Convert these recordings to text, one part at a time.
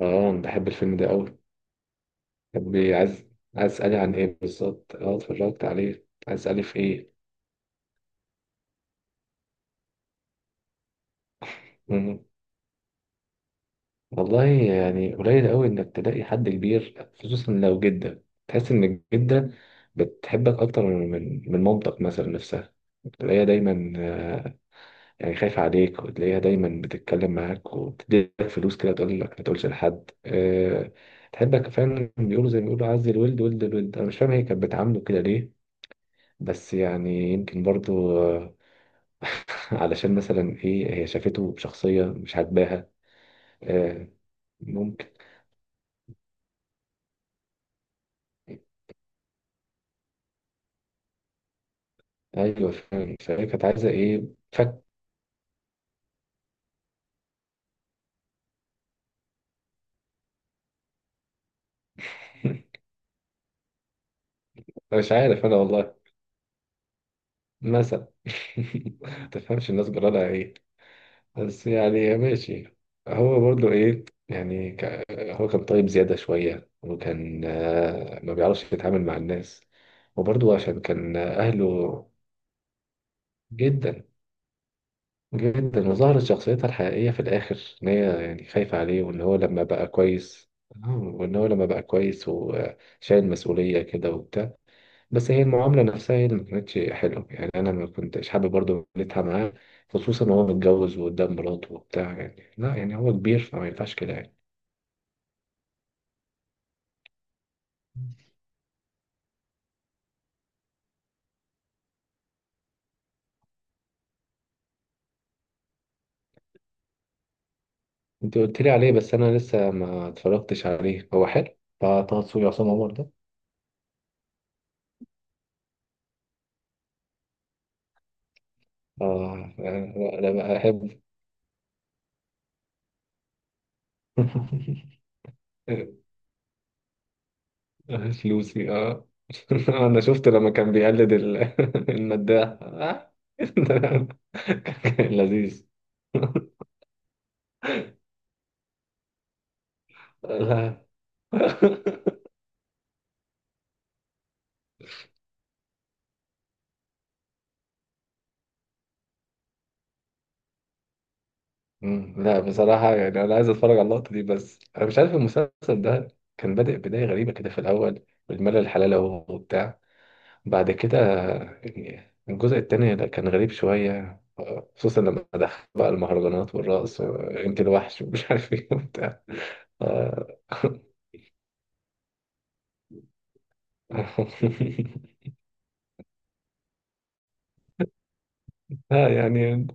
اه، أنا بحب الفيلم ده قوي. طب إيه، عايز اسالي عن ايه بالظبط؟ اه، اتفرجت عليه. عايز اسالي في ايه؟ مم. والله، يعني قليل قوي انك تلاقي حد كبير، خصوصا لو جدة، تحس ان الجدة بتحبك اكتر من مامتك مثلا نفسها. تلاقيها دايما، يعني خايفة عليك. وتلاقيها دايما بتتكلم معاك وتديلك فلوس كده، تقول لك ما تقولش لحد. تحبك فعلا. بيقولوا زي ما بيقولوا عز الولد ولد الولد. انا مش فاهم، هي كانت بتعامله كده ليه؟ بس يعني يمكن برضو علشان مثلا، ايه، هي شافته بشخصية مش عاجباها. آه، ممكن. ايوه فاهم. فهي كانت عايزة ايه؟ فك مش عارف انا والله. مثلا، ما تفهمش الناس جرالها ايه. بس يعني ماشي. هو برضو، ايه يعني، هو كان طيب زيادة شوية، وكان ما بيعرفش يتعامل مع الناس. وبرضو عشان كان أهله. جدا، جدا، وظهرت شخصيتها الحقيقية في الآخر، إن هي يعني خايفة عليه، وإن هو لما بقى كويس وشايل مسؤولية كده وبتاع. بس هي المعاملة نفسها هي اللي ما كانتش حلوة. يعني أنا ما كنتش حابب برضه عملتها معاه، خصوصا وهو متجوز وقدام مراته وبتاع. يعني لا، يعني هو كبير، فما ينفعش كده يعني. أنت قلت لي عليه، بس أنا لسه ما اتفرجتش عليه. هو حلو بتاع طه دسوقي وعصام عمر ده؟ آه، أنا بحبه. فلوسي، اه. انا شفت لما كان بيقلد المداح. آه. كان لذيذ. لا. لا بصراحة، يعني أنا عايز أتفرج على اللقطة دي، بس أنا مش عارف المسلسل ده. كان بادئ بداية غريبة كده في الأول، بالملل الحلال أهو وبتاع. بعد كده، يعني الجزء التاني، لا، كان غريب شوية، خصوصا لما دخل بقى المهرجانات والرقص وأنت الوحش ومش عارف إيه وبتاع. آه. لا، يعني،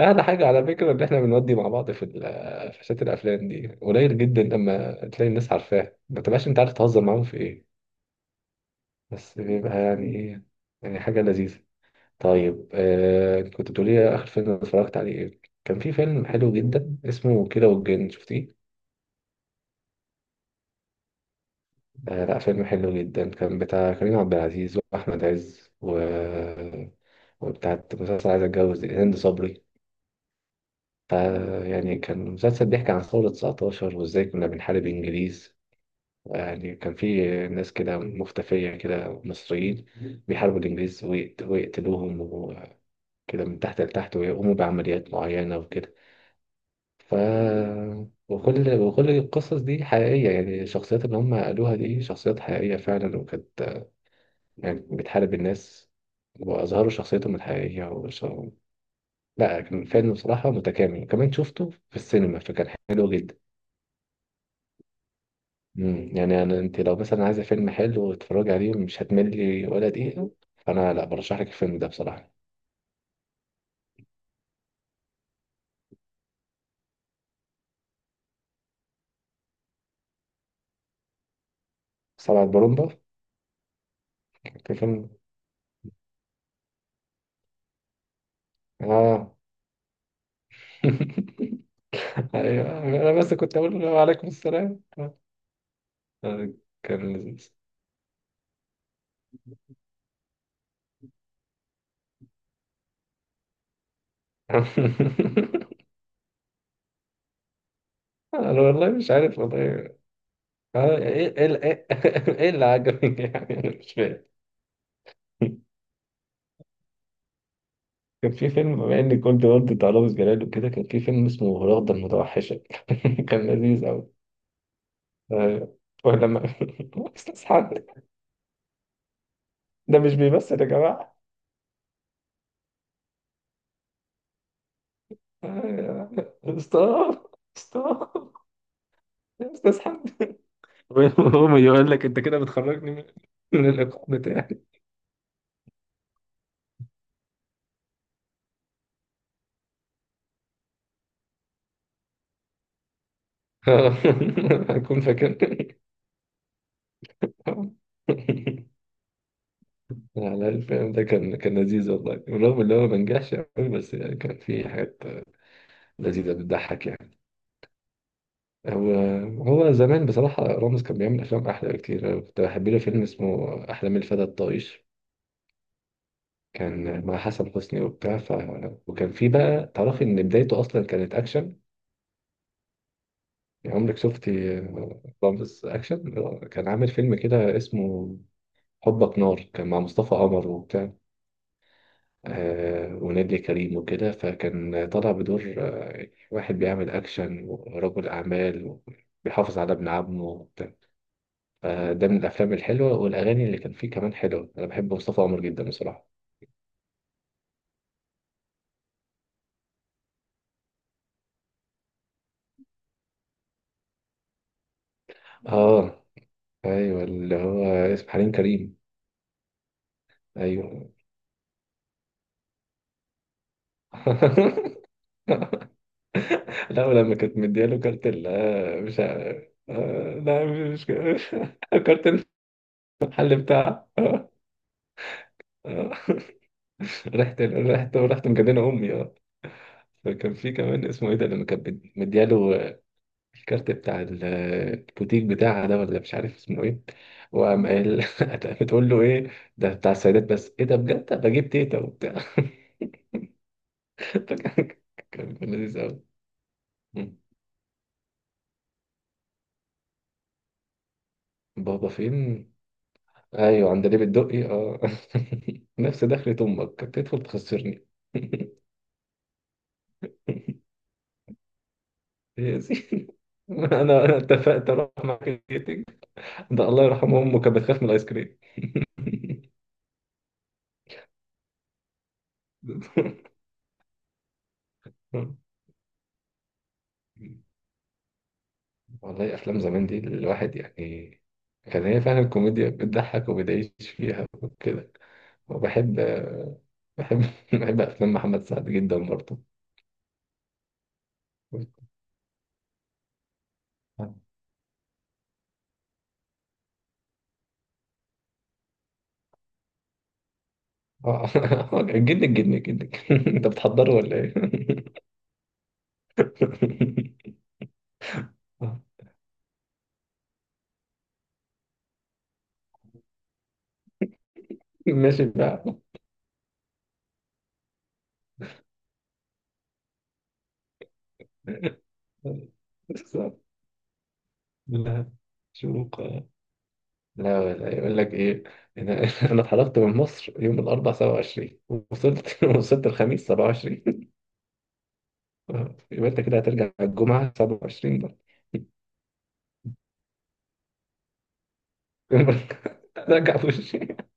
أعلى حاجة على فكرة، إن إحنا بنودي مع بعض في شات الأفلام دي قليل جدا. لما تلاقي الناس عارفاها، ما تبقاش أنت عارف تهزر معاهم في إيه. بس بيبقى يعني إيه، يعني حاجة لذيذة. طيب، كنت بتقولي لي آخر فيلم اتفرجت عليه إيه. كان في فيلم حلو جدا اسمه كيرة والجن، شفتيه؟ آه، لا، فيلم حلو جدا. كان بتاع كريم عبد العزيز وأحمد عز، وبتاعت مسلسل عايز اتجوز دي، هند صبري. فيعني كان مسلسل بيحكي عن ثورة 19، وإزاي كنا بنحارب إنجليز. يعني كان في ناس كده مختفية كده، مصريين، بيحاربوا الإنجليز ويقتلوهم وكده، من تحت لتحت، ويقوموا بعمليات معينة وكده. ف وكل القصص دي حقيقية. يعني الشخصيات اللي هم قالوها دي شخصيات حقيقية فعلا، وكانت يعني بتحارب الناس، وأظهروا شخصيتهم الحقيقية لا، كان فيلم بصراحة متكامل، وكمان شفته في السينما، فكان حلو جدا. مم. يعني أنا، أنت لو مثلا عايزة فيلم حلو وتتفرجي عليه، مش هتملي ولا دقيقة. فأنا، لا، برشح لك الفيلم ده بصراحة. سبعة برومبا. كان فيلم. آه. أيوه، أنا بس كنت أقول له وعليكم السلام. آه، كان لذيذ. أنا والله، مش عارف والله. آه، إيه إيه إيه، إيه اللي عجبك يعني؟ أنا مش فاهم. كان في فيلم، بما اني كنت برضه بتاع رامز جلال وكده، كان في فيلم اسمه رغدة المتوحشة. كان لذيذ. أيوة. ولما استاذ حد، ده مش بيمثل يا جماعه. أيوة. ستوب، ستوب، يا استاذ حد. هو يقول لك انت كده بتخرجني من الايقاع بتاعي. آه. هكون فاكر. على الفيلم ده، كان لذيذ والله. بالرغم ان هو ما نجحش قوي، بس يعني كان فيه حاجات لذيذه بتضحك يعني. هو هو زمان بصراحه، رامز كان بيعمل افلام احلى بكتير. أنا كنت بحب له فيلم اسمه احلام الفتى الطائش. كان مع حسن حسني وبتاع. وكان في بقى، تعرفي ان بدايته اصلا كانت اكشن؟ يعني عمرك شفتي رامز اكشن؟ كان عامل فيلم كده اسمه حبك نار. كان مع مصطفى قمر وبتاع، ونادية كريم وكده. فكان طالع بدور واحد بيعمل اكشن ورجل اعمال، وبيحافظ على ابن عمه وبتاع. فده من الافلام الحلوه، والاغاني اللي كان فيه كمان حلوه. انا بحب مصطفى قمر جدا بصراحه. اه، ايوه، اللي هو اسمه حليم كريم. ايوه. لا، ولما كانت مدياله كارت ال آه، مش عارف. آه، لا، مش كده. كارت المحل بتاعها. آه. رحت، رحت، رحت، مجننه امي اه. فكان في كمان، اسمه ايه ده، لما كانت مدياله الكارت بتاع البوتيك بتاعها ده، ولا مش عارف اسمه ايه. وقام قال. بتقول له ايه؟ ده بتاع السيدات بس؟ ايه ده بجد، طب بجيب تيتا وبتاع. فكان- كان لذيذ قوي. بابا فين. ايوه، عندليب الدقي، اه. نفس دخلة امك، تدخل تخسرني. يا سيدي، انا اتفقت اروح معاك الكيتنج. ده الله يرحمه، امه كانت بتخاف من الايس كريم. والله، افلام زمان دي الواحد يعني، كان هي فعلا الكوميديا بتضحك وبتعيش فيها وكده. وبحب، بحب بحب افلام محمد سعد جدا برضه. اه. جنك، جنك، جنك، انت بتحضره ولا ايه؟ ماشي بقى. بالظبط. لا، شروق، لا. لا، يقول لك ايه. انا، انا اتحركت من مصر يوم الاربعاء 27. وصلت، الخميس 27. يبقى انت كده هترجع الجمعه 27 بقى. رجع في وشي.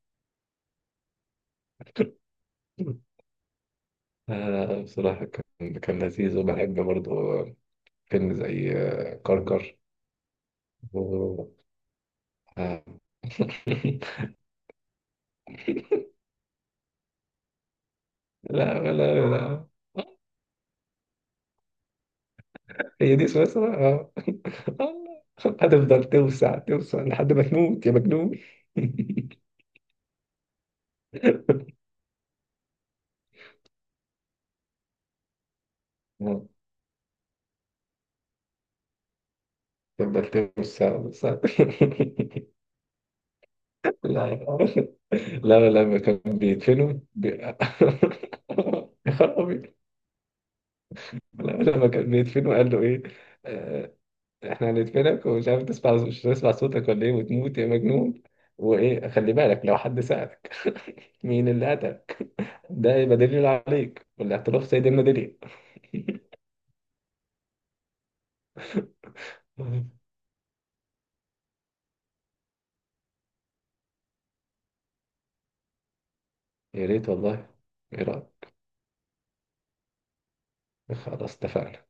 آه، بصراحة كان لذيذ. وبحب برضه فيلم زي كركر. و... آه، لا، لا، لا. هي دي سويسرا. آه، هتفضل توسع، توسع، لحد ما تموت يا مجنون. آه، تفضل توسع، توسع. لا لا، لا، لما كان بيدفنوا يا خرابي. لا، لما كان بيدفنوا قال له ايه. آه، احنا هندفنك، ومش عارف تسمع، مش هتسمع صوتك ولا ايه، وتموت يا مجنون. وايه، خلي بالك، لو حد سألك مين اللي قتل ده، يبقى دليل عليك، والاعتراف سيد المدلل. يا ريت والله. ايه رأيك. خلاص اتفقنا.